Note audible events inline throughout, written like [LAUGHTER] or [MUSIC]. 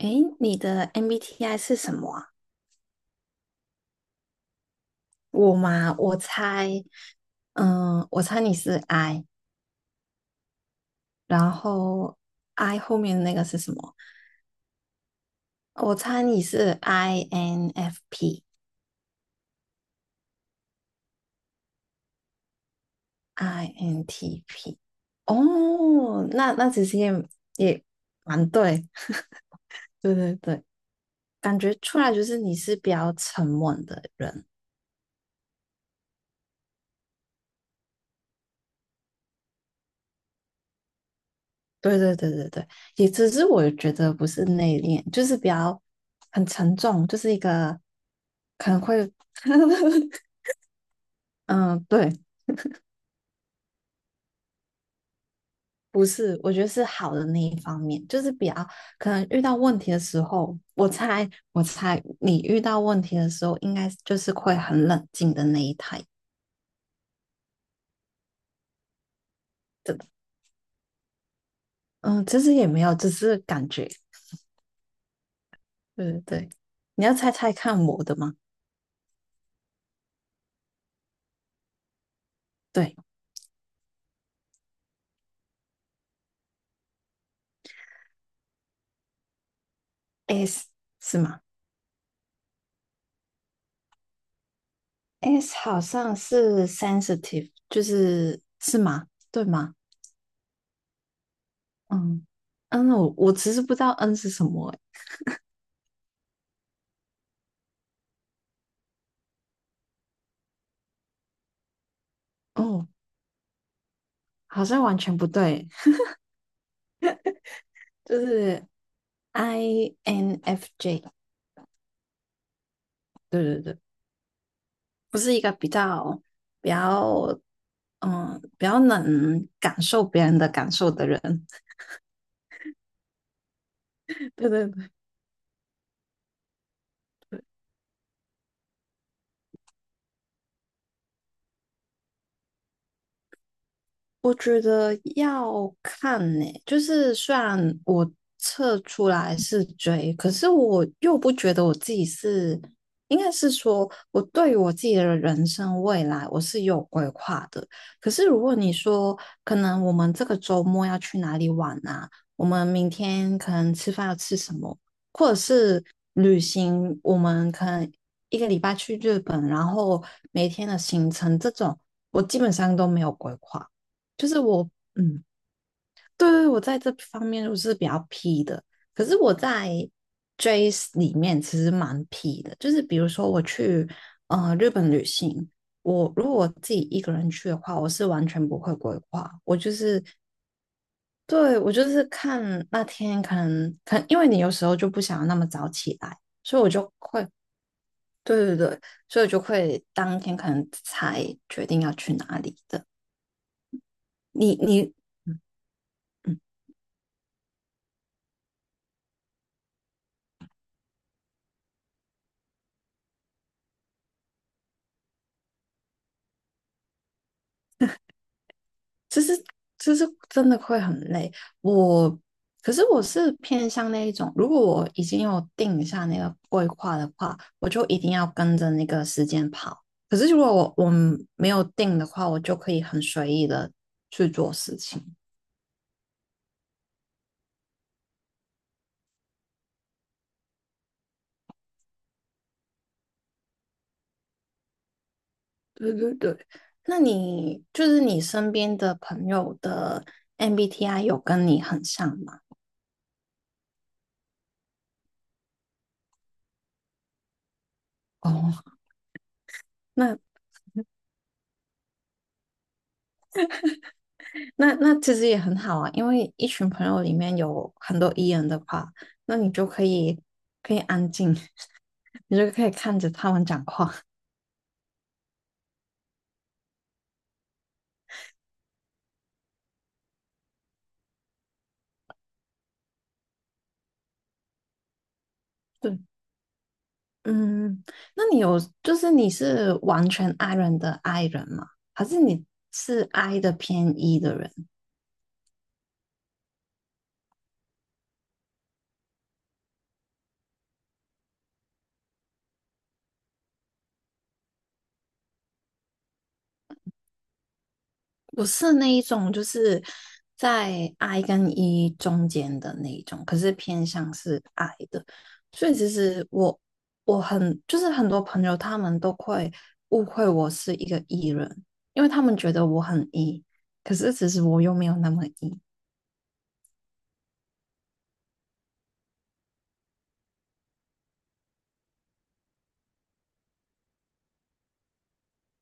诶，你的 MBTI 是什么啊？我嘛，我猜你是 I，然后 I 后面那个是什么？我猜你是 INFP，INTP。哦，那其实也蛮对，对对对，感觉出来就是你是比较沉稳的人。对对对对对，也只是我觉得不是内敛，就是比较很沉重，就是一个可能会，[LAUGHS] 嗯，对，不是，我觉得是好的那一方面，就是比较可能遇到问题的时候，我猜你遇到问题的时候，应该就是会很冷静的那一台，真的，嗯，其实也没有，只是感觉，对对对，你要猜猜看我的吗？对，S 是吗？S 好像是 sensitive，就是是吗？对吗？嗯嗯，我其实不知道 N 是什么欸。哦，好像完全不对，就是 INFJ，对对对，不是一个比较比较比较能感受别人的感受的人，[LAUGHS] 对对对，我觉得要看呢、就是虽然我测出来是追，可是我又不觉得我自己是，应该是说我对于我自己的人生未来我是有规划的。可是如果你说，可能我们这个周末要去哪里玩啊？我们明天可能吃饭要吃什么？或者是旅行，我们可能一个礼拜去日本，然后每天的行程这种，我基本上都没有规划。就是我，嗯，对对，我在这方面我是比较 P 的，可是我在 Jace 里面其实蛮 P 的，就是比如说我去日本旅行，我如果我自己一个人去的话，我是完全不会规划，我就是。对，我就是看那天可能因为你有时候就不想要那么早起来，所以我就会。对对对，所以我就会当天可能才决定要去哪里的，你。嗯嗯，其实其实真的会很累。我可是我是偏向那一种，如果我已经有定下那个规划的话，我就一定要跟着那个时间跑。可是如果我没有定的话，我就可以很随意的去做事情。对对对，那你就是你身边的朋友的 MBTI 有跟你很像吗？哦，那那其实也很好啊，因为一群朋友里面有很多 E 人的话，那你就可以安静，[LAUGHS] 你就可以看着他们讲话。对，嗯，那你有就是你是完全 I 人的 I 人吗？还是你是 I 的偏 E 的人？我是那一种，就是在 I 跟 E 中间的那一种，可是偏向是 I 的，所以其实我很就是很多朋友他们都会误会我是一个 E 人，因为他们觉得我很 E，可是其实我又没有那么 E。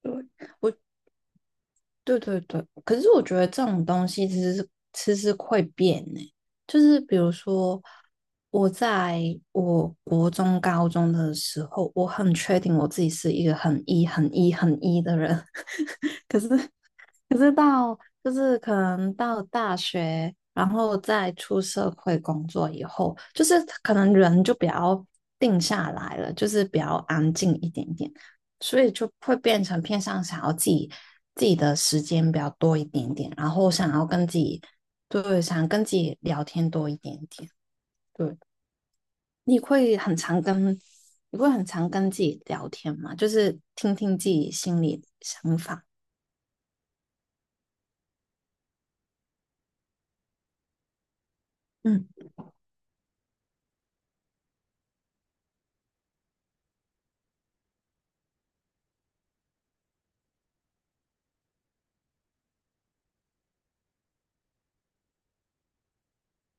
对，我对对对，可是我觉得这种东西其实是会变呢、就是比如说我在我国中、高中的时候，我很确定我自己是一个很 E、很 E、很 E 的人，可是到就是可能到大学，然后再出社会工作以后，就是可能人就比较定下来了，就是比较安静一点点，所以就会变成偏向想要自己的时间比较多一点点，然后想要跟自己，对，想跟自己聊天多一点点。对，你会很常跟你会很常跟自己聊天吗？就是听听自己心里的想法。嗯。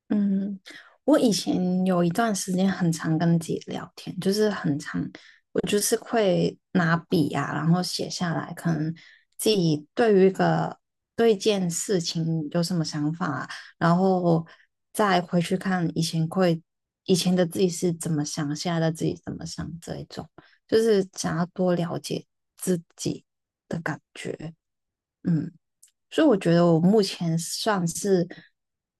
嗯，我以前有一段时间很常跟自己聊天，就是很常，我就是会拿笔啊，然后写下来，可能自己对于一个对一件事情有什么想法啊，然后再回去看以前的自己是怎么想，现在的自己怎么想，这一种就是想要多了解自己的感觉，嗯。所以我觉得我目前算是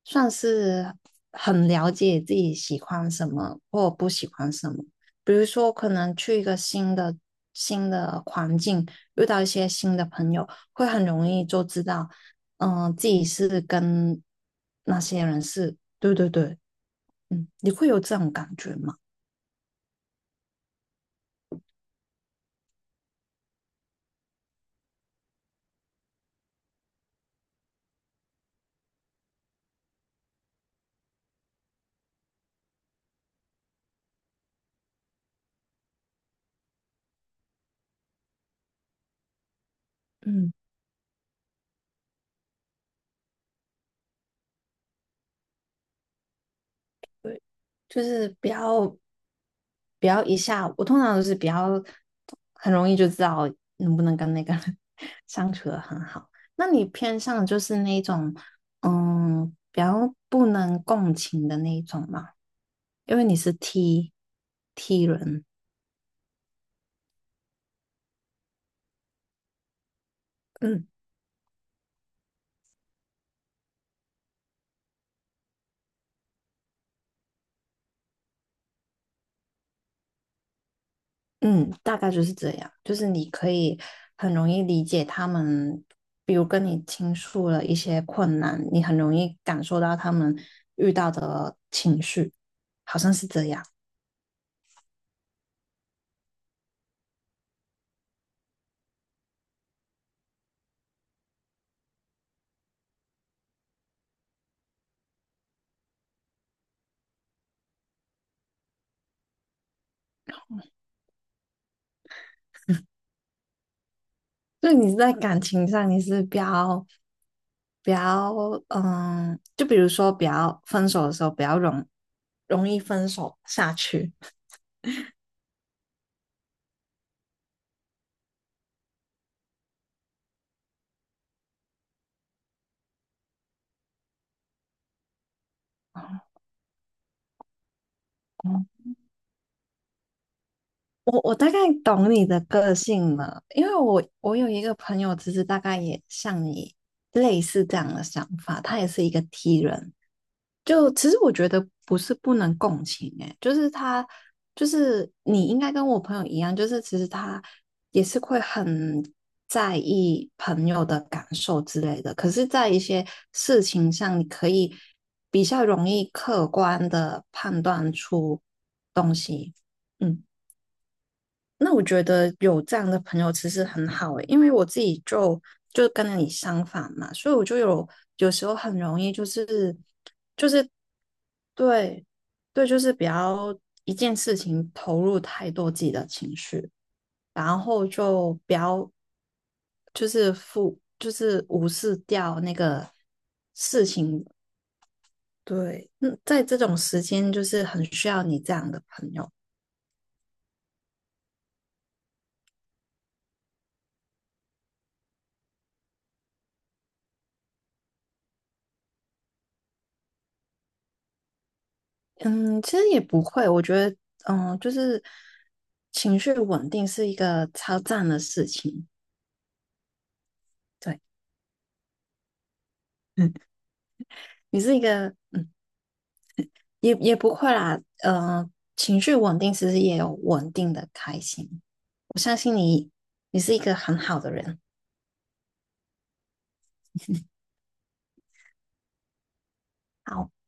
算是很了解自己喜欢什么或不喜欢什么。比如说，可能去一个新的环境，遇到一些新的朋友，会很容易就知道，嗯、自己是跟那些人是，对对对，嗯，你会有这种感觉吗？嗯。就是不要一下，我通常都是比较很容易就知道能不能跟那个人 [LAUGHS] 相处的很好。那你偏向就是那种比较不能共情的那一种吗？因为你是 T 人，嗯。嗯，大概就是这样，就是你可以很容易理解他们，比如跟你倾诉了一些困难，你很容易感受到他们遇到的情绪，好像是这样。就你在感情上，你是比较比较，就比如说比较分手的时候比较容易分手下去。[LAUGHS] 我大概懂你的个性了，因为我有一个朋友，其实大概也像你类似这样的想法，他也是一个 T 人。就其实我觉得不是不能共情、欸，就是他就是你应该跟我朋友一样，就是其实他也是会很在意朋友的感受之类的。可是，在一些事情上，你可以比较容易客观的判断出东西。嗯。那我觉得有这样的朋友其实很好诶，因为我自己就跟你相反嘛，所以我就有时候很容易就是就是对对，就是比较一件事情投入太多自己的情绪，然后就不要就是负就是无视掉那个事情。对，在这种时间就是很需要你这样的朋友。嗯，其实也不会，我觉得，就是情绪稳定是一个超赞的事情。对，嗯，你是一个，也不会啦，情绪稳定其实也有稳定的开心。我相信你，你是一个很好的人。好